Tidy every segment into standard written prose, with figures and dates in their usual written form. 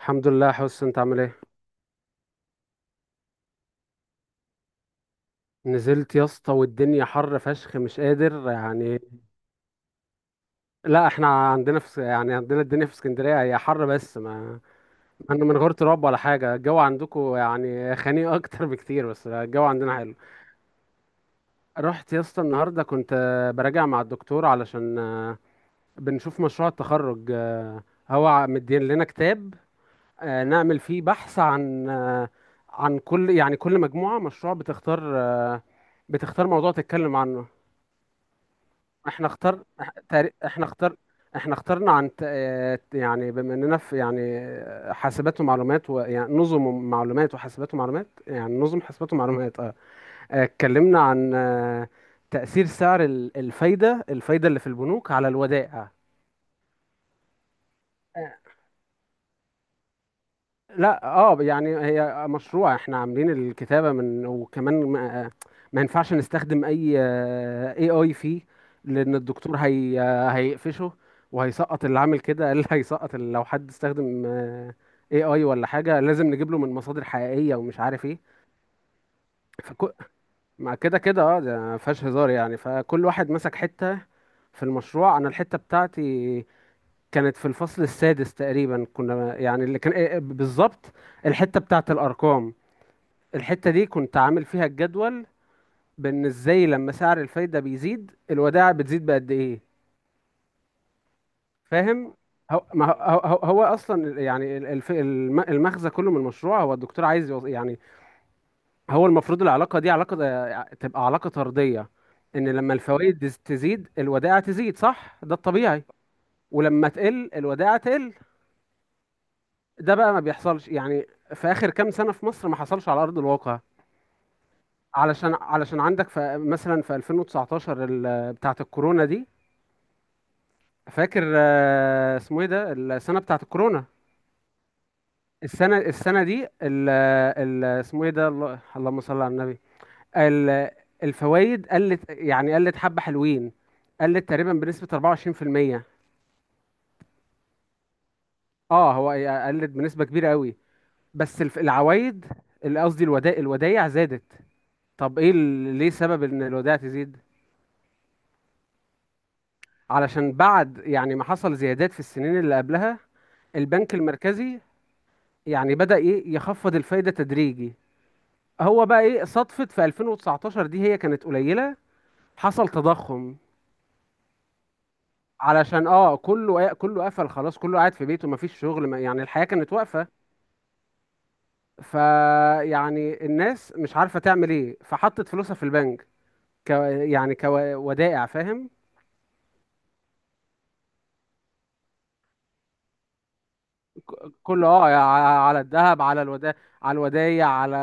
الحمد لله يا حس، انت عامل ايه؟ نزلت يا اسطى، والدنيا حر فشخ، مش قادر يعني. لا احنا عندنا الدنيا في اسكندريه، هي حر بس ما انا من غير تراب ولا حاجه. الجو عندكم يعني خنيق اكتر بكتير، بس الجو عندنا حلو. رحت يا اسطى النهارده، كنت براجع مع الدكتور علشان بنشوف مشروع التخرج. هو مدين لنا كتاب نعمل فيه بحث عن عن كل مجموعه مشروع بتختار، بتختار موضوع تتكلم عنه. احنا اختار إح- تاري- احنا اختار احنا اخترنا عن يعني بما اننا في يعني حاسبات ومعلومات، ويعني نظم معلومات وحاسبات ومعلومات، يعني نظم حاسبات ومعلومات. اتكلمنا عن تأثير سعر الفايدة اللي في البنوك على الودائع. لا اه يعني هي مشروع احنا عاملين الكتابة من، وكمان ما ينفعش نستخدم اي فيه، لان الدكتور هي هيقفشه وهيسقط اللي عامل كده. قال هيسقط، لو حد استخدم اي ولا حاجة، لازم نجيب له من مصادر حقيقية ومش عارف ايه. فكو. مع كده كده اه، ده ما فيهاش هزار يعني. فكل واحد مسك حتة في المشروع. انا الحتة بتاعتي كانت في الفصل السادس تقريبا، كنا يعني اللي كان بالظبط الحتة بتاعت الارقام. الحتة دي كنت عامل فيها الجدول، بان ازاي لما سعر الفايدة بيزيد الودائع بتزيد بقد ايه. فاهم. هو، ما هو، هو اصلا المغزى كله من المشروع، هو الدكتور عايز يعني هو المفروض العلاقة دي علاقة، تبقى علاقة طردية. ان لما الفوائد تزيد الودائع تزيد، صح؟ ده الطبيعي. ولما تقل الودائع تقل. ده بقى ما بيحصلش يعني. في اخر كام سنة في مصر ما حصلش على ارض الواقع. علشان عندك في مثلا في 2019 بتاعة الكورونا دي. فاكر اسمه ايه ده، السنة بتاعة الكورونا. السنة دي ال ال اسمه ايه ده، اللهم صل على النبي. ال- الفوائد قلت حبة حلوين، قلت تقريبا بنسبة 24%. اه. هو قلت بنسبة كبيرة قوي. بس العوايد، اللي قصدي الودائع زادت. طب ايه ليه سبب ان الودائع تزيد؟ علشان بعد يعني ما حصل زيادات في السنين اللي قبلها، البنك المركزي يعني بدأ ايه يخفض الفايدة تدريجي. هو بقى ايه، صدفة في 2019 دي هي كانت قليلة، حصل تضخم. علشان اه كله كله قفل خلاص، كله قاعد في بيته، مفيش شغل، ما يعني الحياة كانت واقفة. فيعني الناس مش عارفة تعمل ايه، فحطت فلوسها في البنك، ك يعني كودائع. فاهم. كله اه، على الذهب، على الودايع، على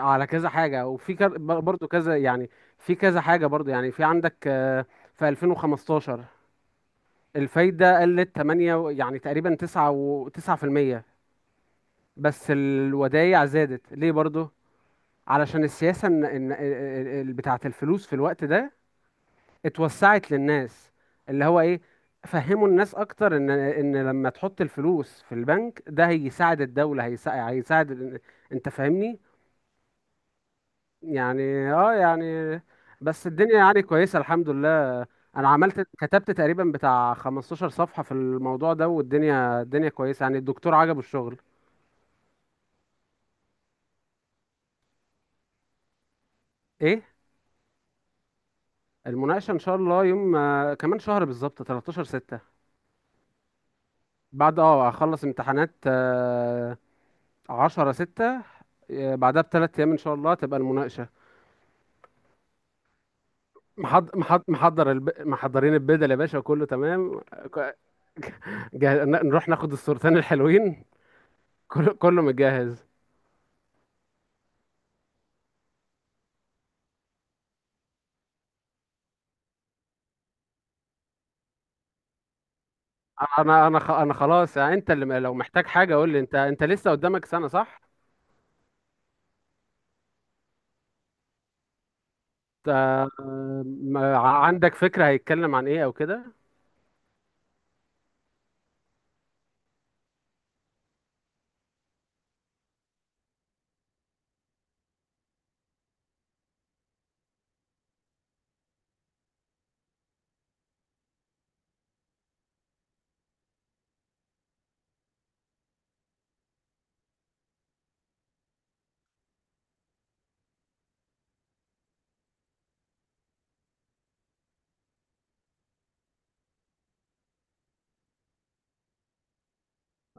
كذا حاجه، وفي برضو كذا يعني. في كذا حاجه برضو يعني. في عندك في 2015 الفايده قلت 8 يعني تقريبا 9 و 9%. بس الودايع زادت ليه برضو؟ علشان السياسه، بتاعه الفلوس في الوقت ده اتوسعت للناس، اللي هو ايه، فهموا الناس اكتر ان لما تحط الفلوس في البنك ده هيساعد الدولة، هيساعد انت فاهمني. يعني اه يعني، بس الدنيا يعني كويسة، الحمد لله. انا كتبت تقريبا بتاع 15 صفحة في الموضوع ده، والدنيا الدنيا كويسة، يعني الدكتور عجبه الشغل. ايه، المناقشة ان شاء الله يوم كمان شهر بالظبط، 13 6. بعد اه اخلص امتحانات، عشرة ستة، بعدها ب 3 أيام إن شاء الله تبقى المناقشة. محضرين البدل يا باشا، كله تمام. ك- نروح ناخد الصورتين الحلوين. كله كله متجهز. أنا خلاص يعني، أنت اللي لو محتاج حاجة قول لي. أنت لسه قدامك سنة، صح؟ أنت، عندك فكرة هيتكلم عن إيه أو كده؟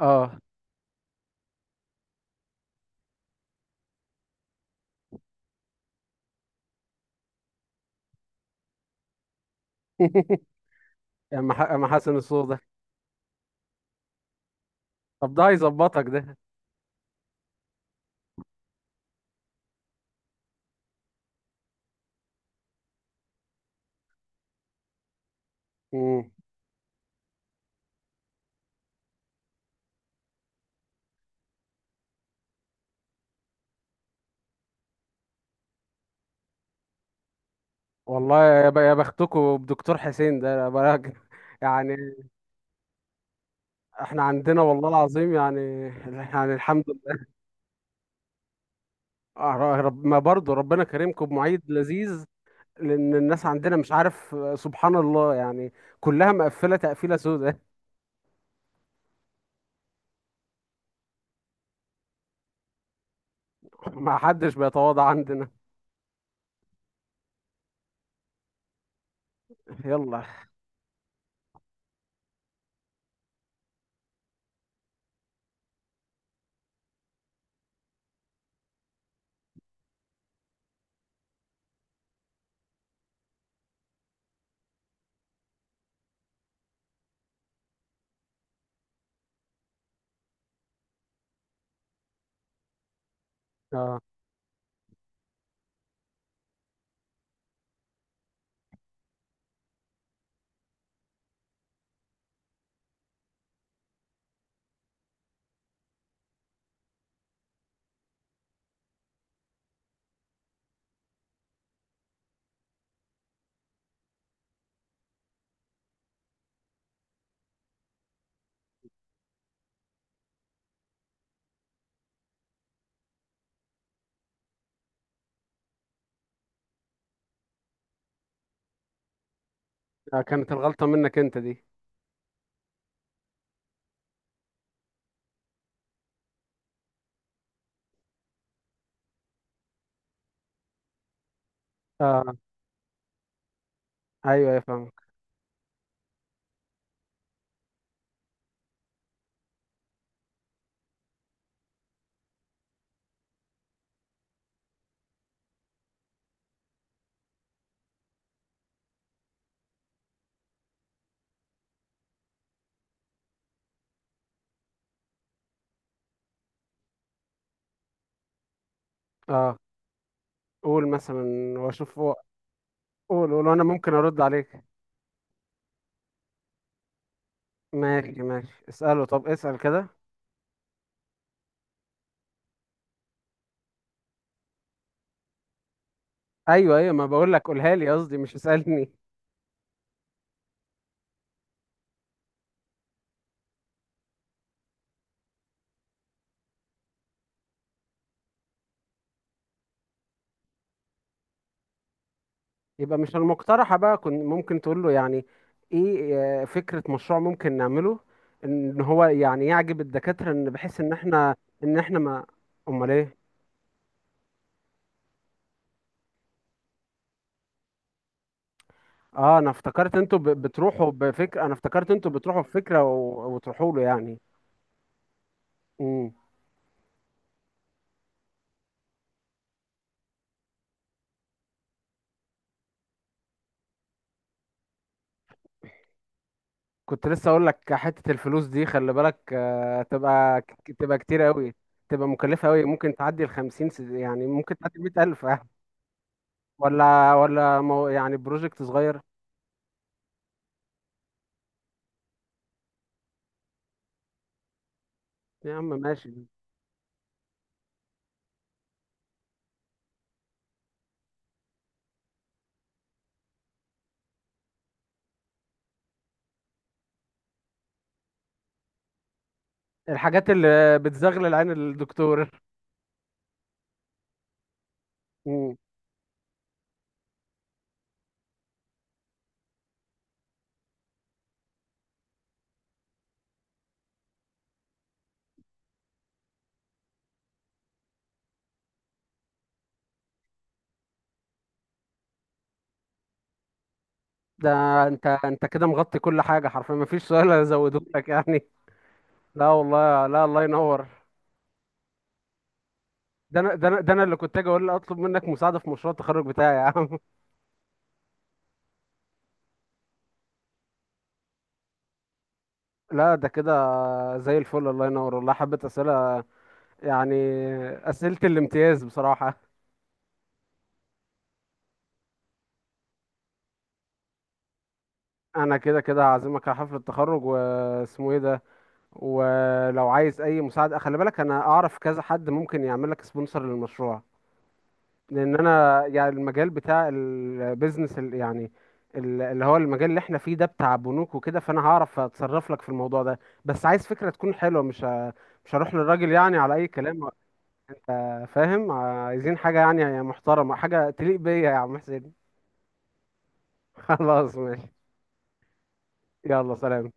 أه. يا أم حسن الصوت ده. طب ده هيظبطك ده. مم. والله يا بختكوا بدكتور حسين ده بقى. يعني احنا عندنا والله العظيم يعني. يعني الحمد لله. رب ما برضه ربنا كريمكم بمعيد لذيذ. لان الناس عندنا مش عارف سبحان الله يعني، كلها مقفله تقفيله سوداء. ما حدش بيتواضع عندنا. يلا. اه، كانت الغلطه منك انت دي. اه ايوه، يا فاهمك. اه، قول مثلا، واشوف قول قول، وانا ممكن ارد عليك. ماشي ماشي، اساله. طب اسال كده. ايوه ايوه، ما بقول لك قولها لي، قصدي مش اسالني. يبقى مش المقترحة بقى، كنت ممكن تقول له يعني ايه، فكرة مشروع ممكن نعمله، ان هو يعني يعجب الدكاترة، ان بحيث ان احنا، ان احنا ما. امال ايه؟ اه، انا افتكرت انتوا بتروحوا بفكرة، انا افتكرت انتوا بتروحوا بفكرة وتروحوا له يعني. امم. كنت لسه اقول لك، حتة الفلوس دي خلي بالك، آه تبقى تبقى كتير قوي، تبقى مكلفة قوي. ممكن تعدي ال 50 يعني ممكن تعدي 100,000 ألف. آه. يعني بروجكت صغير. يا عم ماشي. الحاجات اللي بتزغلل عين الدكتور. مم. ده، انت كده مغطي كل حاجه حرفيا، ما فيش سؤال ازوده لك يعني. لا والله، لا، الله ينور. ده انا اللي كنت اجي اقول اطلب منك مساعده في مشروع التخرج بتاعي يا عم. لا ده كده زي الفل، الله ينور والله، حبه اسئله يعني، اسئله الامتياز بصراحه. انا كده كده هعزمك على حفله التخرج واسمه ايه ده. ولو عايز اي مساعده خلي بالك، انا اعرف كذا حد ممكن يعمل لك سبونسر للمشروع. لان انا يعني المجال بتاع البيزنس، اللي هو المجال اللي احنا فيه ده بتاع بنوك وكده، فانا هعرف اتصرف لك في الموضوع ده. بس عايز فكرة تكون حلوة، مش هروح للراجل يعني على اي كلام. فاهم. عايزين حاجة يعني محترمة، حاجة تليق بيا يا عم حسين. خلاص ماشي. يلا سلام.